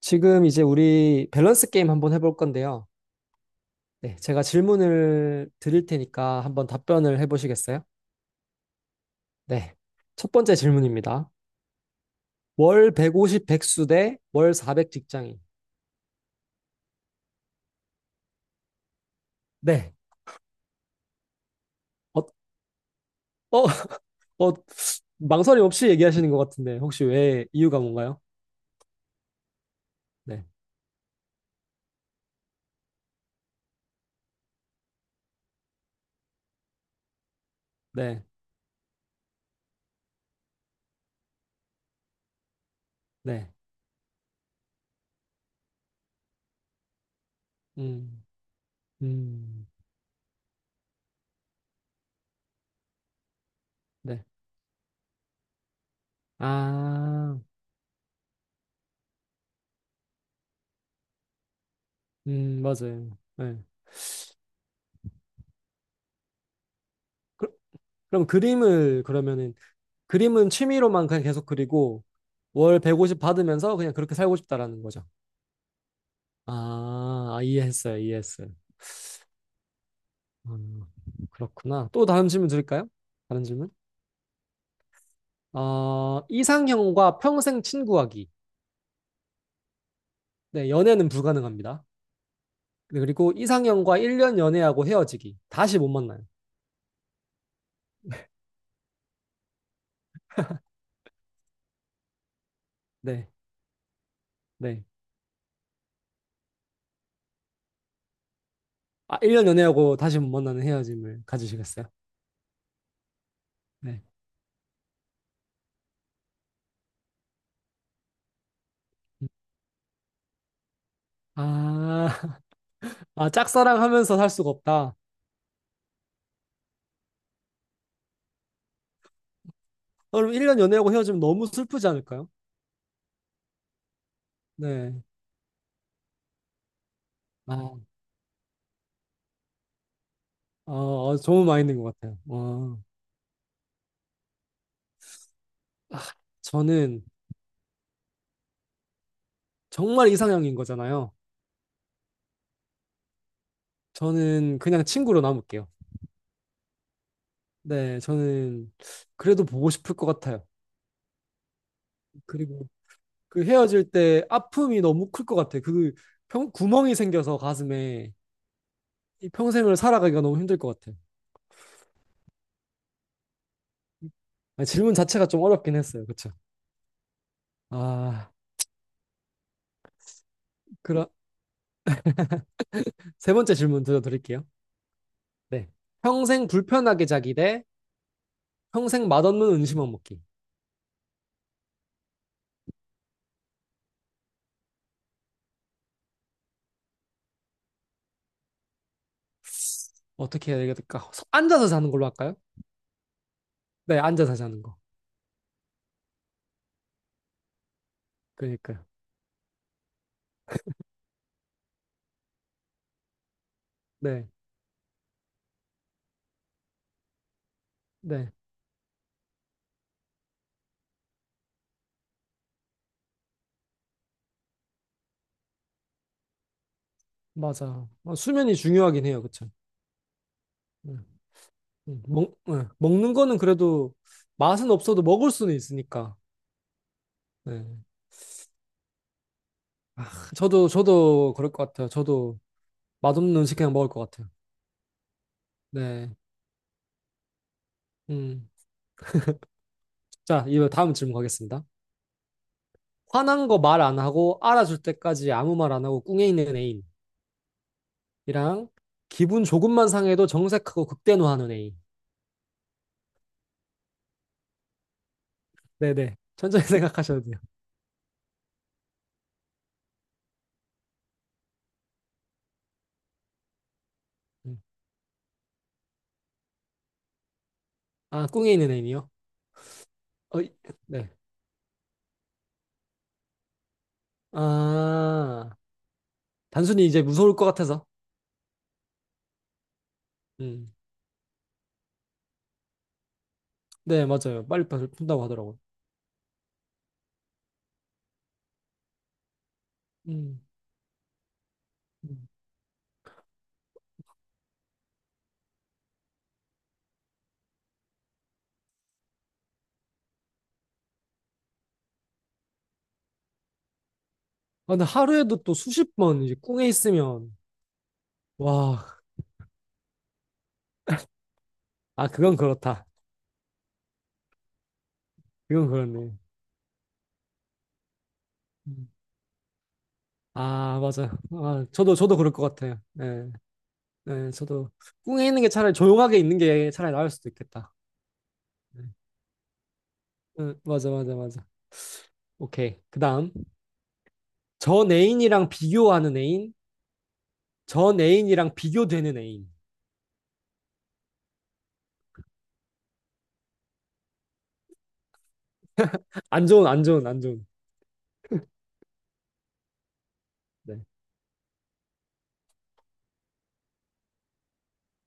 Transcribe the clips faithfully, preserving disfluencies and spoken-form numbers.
지금 이제 우리 밸런스 게임 한번 해볼 건데요. 네, 제가 질문을 드릴 테니까 한번 답변을 해보시겠어요? 네. 첫 번째 질문입니다. 월 백오십 백수 대 월 사백 직장인. 네. 어. 어. 어, 망설임 없이 얘기하시는 것 같은데, 혹시 왜, 이유가 뭔가요? 네, 네, 네. 음. 음. 네. 아. 음. 맞아요. 네. 그, 그럼 그림을 그러면은 그림은 취미로만 그냥 계속 그리고 월 백오십 받으면서 그냥 그렇게 살고 싶다라는 거죠. 아, 아, 이해했어요. 이해했어요. 음. 그렇구나. 또 다른 질문 드릴까요? 다른 질문? 어, 이상형과 평생 친구하기. 네, 연애는 불가능합니다. 네, 그리고 이상형과 일 년 연애하고 헤어지기. 다시 못 만나요. 네, 네. 아, 일 년 연애하고 다시 못 만나는 헤어짐을 가지시겠어요? 네. 음. 아. 아, 짝사랑하면서 살 수가 없다. 그럼 일 년 연애하고 헤어지면 너무 슬프지 않을까요? 네. 아. 어, 어, 좋은 마인드인 것 같아요. 어, 아, 저는 정말 이상형인 거잖아요. 저는 그냥 친구로 남을게요. 네, 저는 그래도 보고 싶을 것 같아요. 그리고 그 헤어질 때 아픔이 너무 클 것 같아요. 그 평, 구멍이 생겨서 가슴에 이 평생을 살아가기가 너무 힘들 것 같아요. 아, 질문 자체가 좀 어렵긴 했어요. 그쵸? 아, 그럼 세 번째 질문 드려드릴게요. 네. 평생 불편하게 자기 대 평생 맛없는 음식만 먹기. 어떻게 해야 될까? 서- 앉아서 자는 걸로 할까요? 네, 앉아서 자는 거. 그러니까요. 네, 네, 맞아. 어, 수면이 중요하긴 해요, 그쵸? 음. 음. 먹, 예, 먹는 거는 그래도 맛은 없어도 먹을 수는 있으니까. 네. 저도, 저도 그럴 것 같아요. 저도 맛없는 음식 그냥 먹을 것 같아요. 네. 음. 자, 이거 다음 질문 가겠습니다. 화난 거 말 안 하고 알아줄 때까지 아무 말 안 하고 꿍해 있는 애인이랑 기분 조금만 상해도 정색하고 극대노하는 애인. 네네. 천천히 생각하셔도 돼요. 음. 아, 꿍에 있는 애이요. 어, 이- 네. 아, 단순히 이제 무서울 것 같아서. 음. 네, 맞아요. 빨리 빨리 푼다고 하더라고요. 음. 음. 아, 근데 하루에도 또 수십 번 이제 꿍에 있으면. 와. 아, 그건 그렇다. 그건 그렇네. 음. 아, 맞아요. 아, 저도, 저도 그럴 것 같아요. 네. 네, 저도 꿍에 있는 게 차라리 조용하게 있는 게 차라리 나을 수도 있겠다. 네. 응, 맞아, 맞아, 맞아. 오케이. 그 다음. 전 애인이랑 비교하는 애인, 전 애인이랑 비교되는 애인. 안 좋은, 안 좋은, 안 좋은. 네.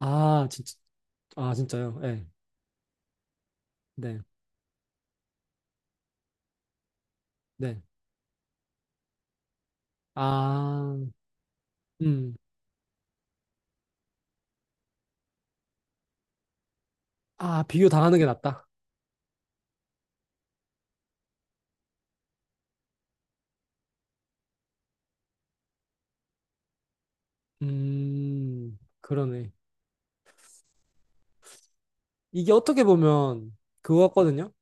아, 진짜. 아, 진짜요? 네, 네, 네. 아. 음. 아, 비교 당하는 게 낫다. 음, 그러네. 이게 어떻게 보면 그거 같거든요?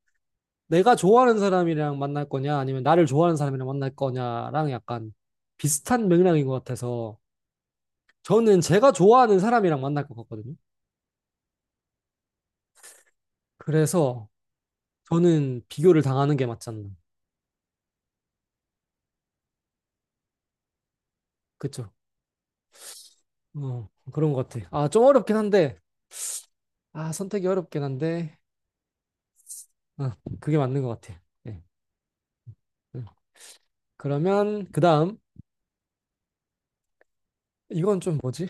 내가 좋아하는 사람이랑 만날 거냐, 아니면 나를 좋아하는 사람이랑 만날 거냐랑 약간 비슷한 맥락인 것 같아서 저는 제가 좋아하는 사람이랑 만날 것 같거든요. 그래서 저는 비교를 당하는 게 맞지 않나. 그쵸. 어, 그런 것 같아. 아, 좀 어렵긴 한데. 아, 선택이 어렵긴 한데. 어, 그게 맞는 것 같아. 예. 음. 그러면, 그 다음. 이건 좀 뭐지?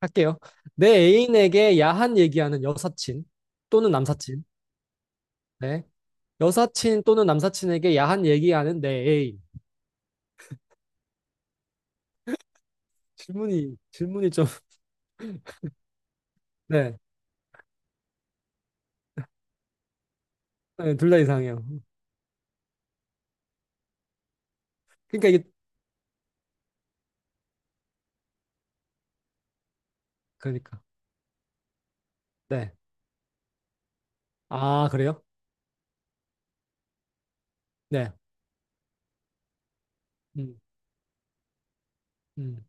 할게요. 내 애인에게 야한 얘기하는 여사친 또는 남사친. 네. 여사친 또는 남사친에게 야한 얘기하는 내 애인. 질문이, 질문이 좀. 네. 네, 둘 다 이상해요. 그러니까 이게. 그러니까. 네. 아, 그래요? 네. 음, 음,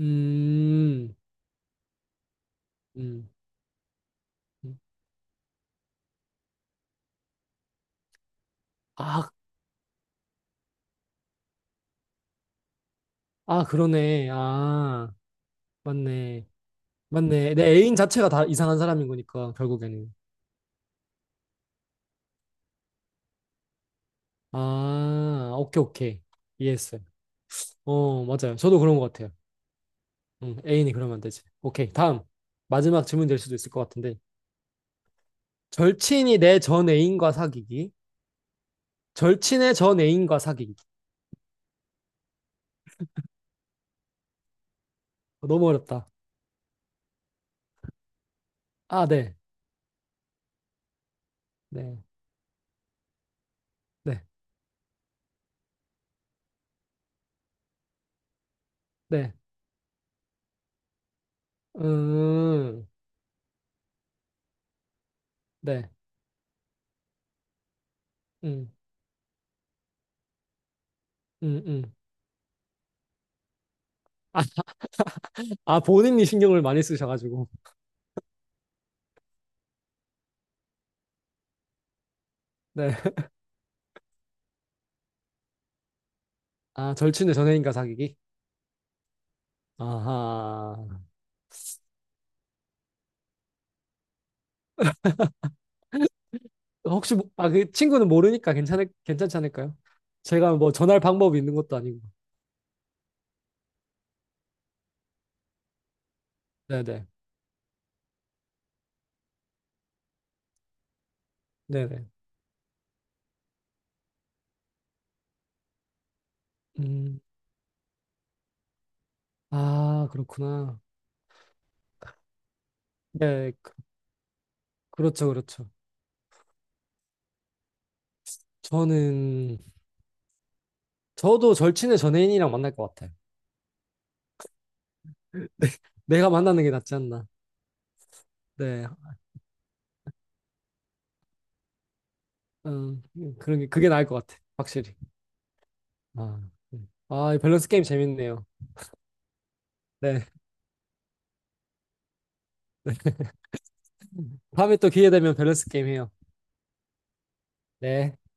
음, 음. 음. 아, 아, 그러네. 아, 맞네. 맞네. 내 애인 자체가 다 이상한 사람인 거니까, 결국에는. 아, 오케이, 오케이. 이해했어요. 어, 맞아요. 저도 그런 것 같아요. 응, 애인이 그러면 안 되지. 오케이. 다음. 마지막 질문 될 수도 있을 것 같은데. 절친이 내 전 애인과 사귀기. 절친의 전 애인과 사귀기. 어, 너무 어렵다. 아, 네. 네. 네. 네. 음, 네. 음, 음, 음. 아, 본인이 신경을 많이 쓰셔가지고. 네. 아, 절친의 전애인과 사귀기? 아하. 혹시 모- 아, 그 친구는 모르니까 괜찮을 괜찮지 않을까요? 제가 뭐 전할 방법이 있는 것도 아니고. 네네. 네네. 음. 아, 그렇구나. 네, 그, 그렇죠, 그렇죠. 저는 저도 절친의 전혜인이랑 만날 것 같아요. 내가 만나는 게 낫지 않나. 네. 음, 그런 게 그게 나을 것 같아. 확실히. 아. 음. 아, 이 밸런스 게임 재밌네요. 네. 다음에 또 기회 되면 밸런스 게임 해요. 네.